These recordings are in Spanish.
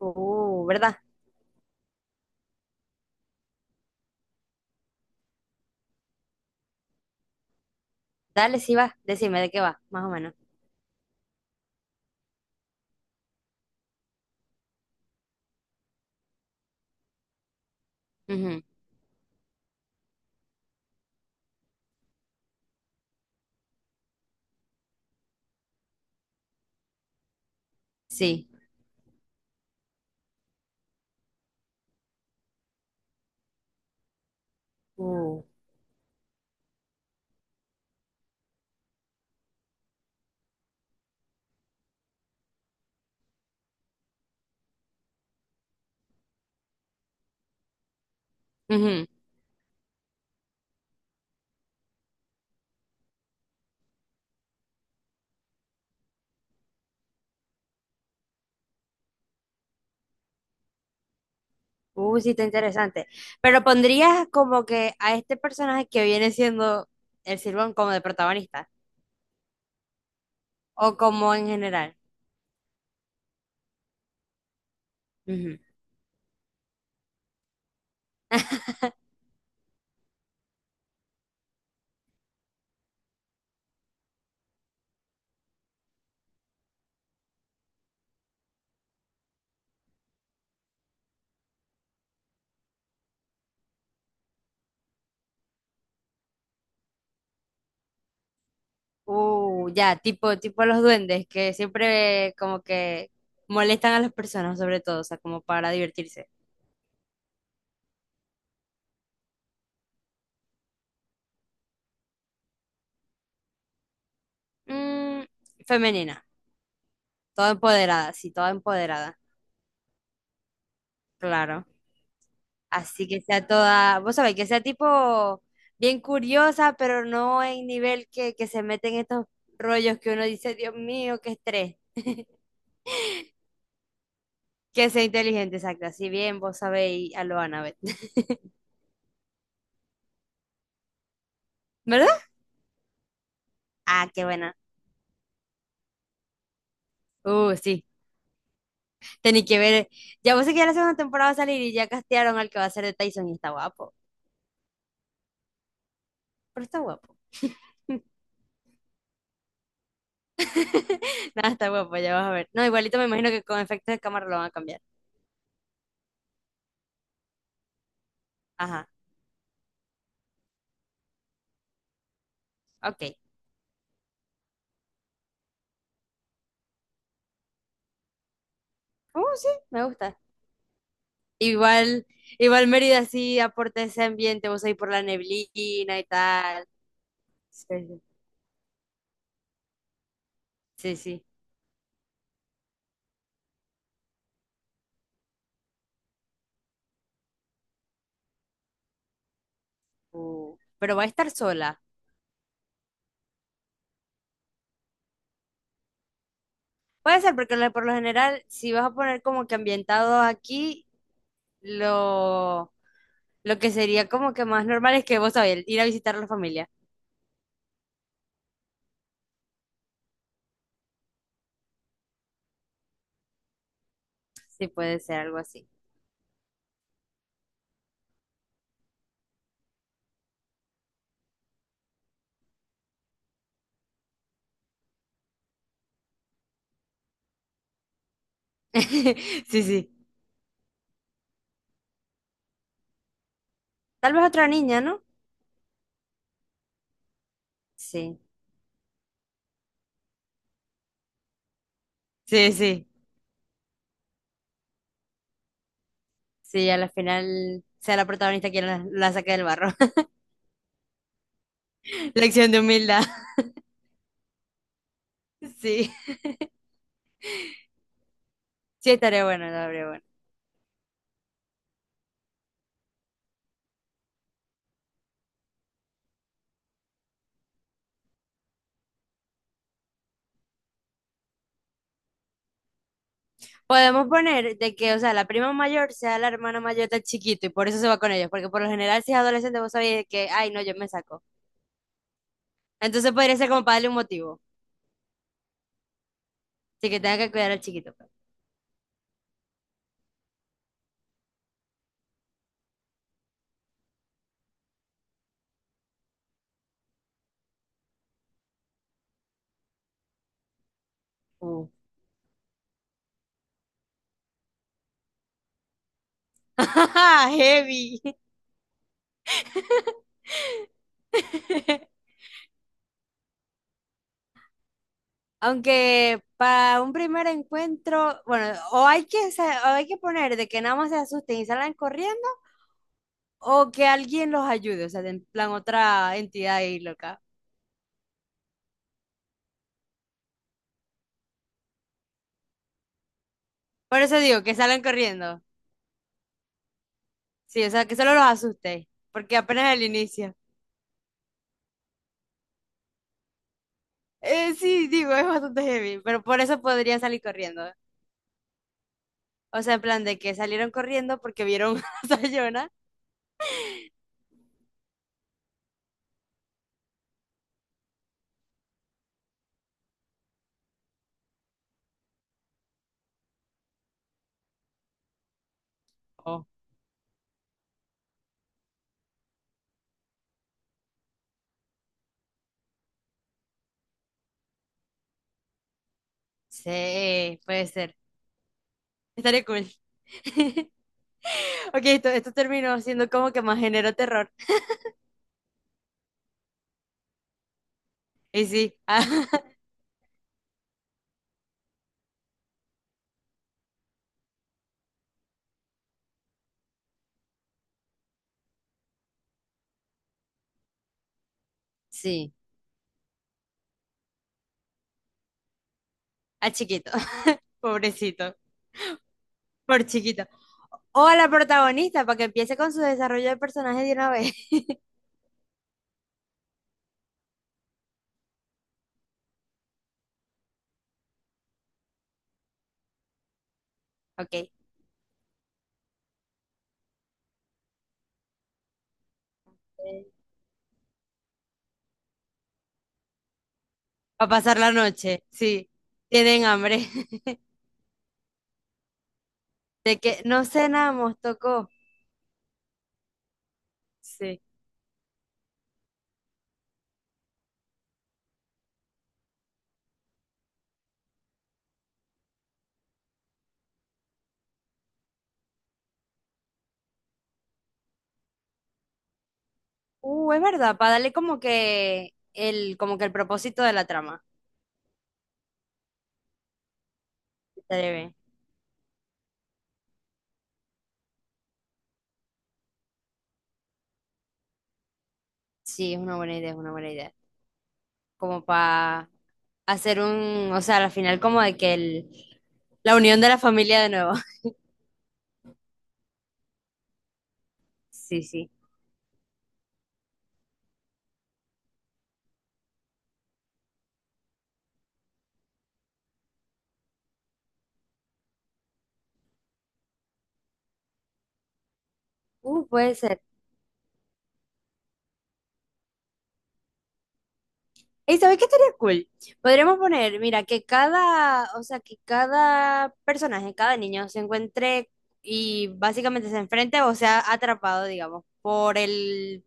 ¿Verdad? Dale, sí va. Decime de qué va, más o menos. Ujú. Sí. Uh, Ujú. Sí, está interesante. Pero pondrías como que a este personaje que viene siendo el Silbón como de protagonista o como en general. Ujú. Ya, tipo los duendes que siempre como que molestan a las personas, sobre todo, o sea, como para divertirse. Mm, Femenina, toda empoderada, sí, toda empoderada. Claro. Así que sea toda, vos sabés, que sea tipo bien curiosa, pero no en nivel que se mete en estos rollos que uno dice, Dios mío, qué estrés. Que sea inteligente, exacto. Así bien, vos sabéis a lo Annabeth. ¿Verdad? Ah, qué buena. Sí. Tení que ver. Ya vos sé que ya la segunda temporada va a salir y ya castearon al que va a ser de Tyson y está guapo. Pero está guapo. Nada, está guapo, ya vas a ver. No, igualito me imagino que con efectos de cámara lo van a cambiar. Ajá, ok. Sí, me gusta. Igual, igual Mérida sí aporta ese ambiente, vos ahí por la neblina y tal. Sí, sí, sí. Pero va a estar sola. Puede ser, porque por lo general, si vas a poner como que ambientado aquí, lo, lo que sería como que más normal es que, vos sabés, ir a visitar a la familia. Sí, puede ser algo así. Sí, sí. Tal vez otra niña, ¿no? Sí, sí, sí. Sí, a la final sea la protagonista quien la saque del barro. Lección de humildad. Sí. Sí, estaría bueno, estaría bueno. Podemos poner de que, o sea, la prima mayor sea la hermana mayor del chiquito y por eso se va con ellos, porque por lo general si es adolescente vos sabés que, ay, no, yo me saco. Entonces podría ser como para darle un motivo, así que tenga que cuidar al chiquito, pues. Uh, Heavy. Aunque para un primer encuentro, bueno, o hay o hay que poner de que nada más se asusten y salgan corriendo, o que alguien los ayude, o sea, de en plan otra entidad ahí loca. Por eso digo, que salgan corriendo. Sí, o sea, que solo los asustéis, porque apenas es el inicio. Sí, digo, es bastante heavy, pero por eso podría salir corriendo. O sea, en plan de que salieron corriendo porque vieron a Sayona. Oh. Sí, puede ser. Estaría cool. Ok, esto terminó siendo como que más género terror. Y sí, ah, sí, a chiquito, pobrecito, por chiquito. O a la protagonista para que empiece con su desarrollo de personaje de una vez. Ok. Para pasar la noche, sí. Tienen hambre. De que no cenamos, tocó. Sí. Es verdad, para darle como que el propósito de la trama. Estaría bien. Sí, es una buena idea, es una buena idea. Como para hacer o sea, al final como de que la unión de la familia de nuevo. Sí, sí. Puede ser. ¿Y sabes qué estaría cool? Podríamos poner, mira, que cada, o sea, que cada personaje, cada niño se encuentre y básicamente se enfrente o sea atrapado, digamos, por el,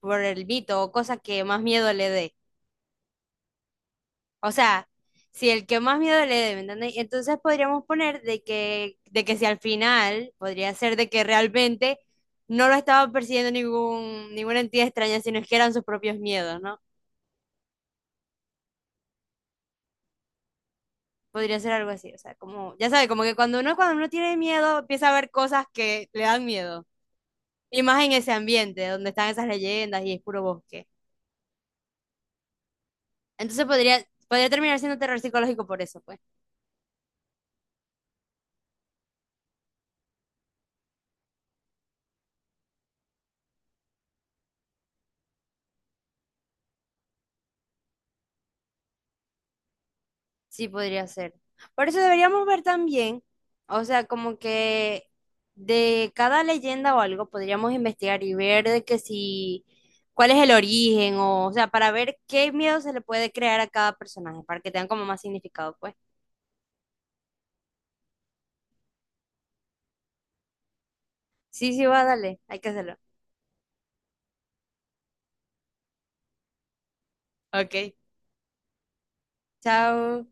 por el mito o cosa que más miedo le dé. O sea, si el que más miedo le dé, ¿me entiendes? Entonces podríamos poner de que si al final podría ser de que realmente no lo estaba persiguiendo ninguna entidad extraña, sino que eran sus propios miedos, ¿no? Podría ser algo así, o sea, como, ya sabe, como que cuando uno tiene miedo, empieza a ver cosas que le dan miedo. Y más en ese ambiente, donde están esas leyendas y es puro bosque. Entonces podría terminar siendo terror psicológico por eso, pues. Sí, podría ser. Por eso deberíamos ver también, o sea, como que de cada leyenda o algo podríamos investigar y ver de que si, cuál es el origen, o sea, para ver qué miedo se le puede crear a cada personaje, para que tengan como más significado, pues. Sí, sí, va, dale, hay que hacerlo. Ok. Chao.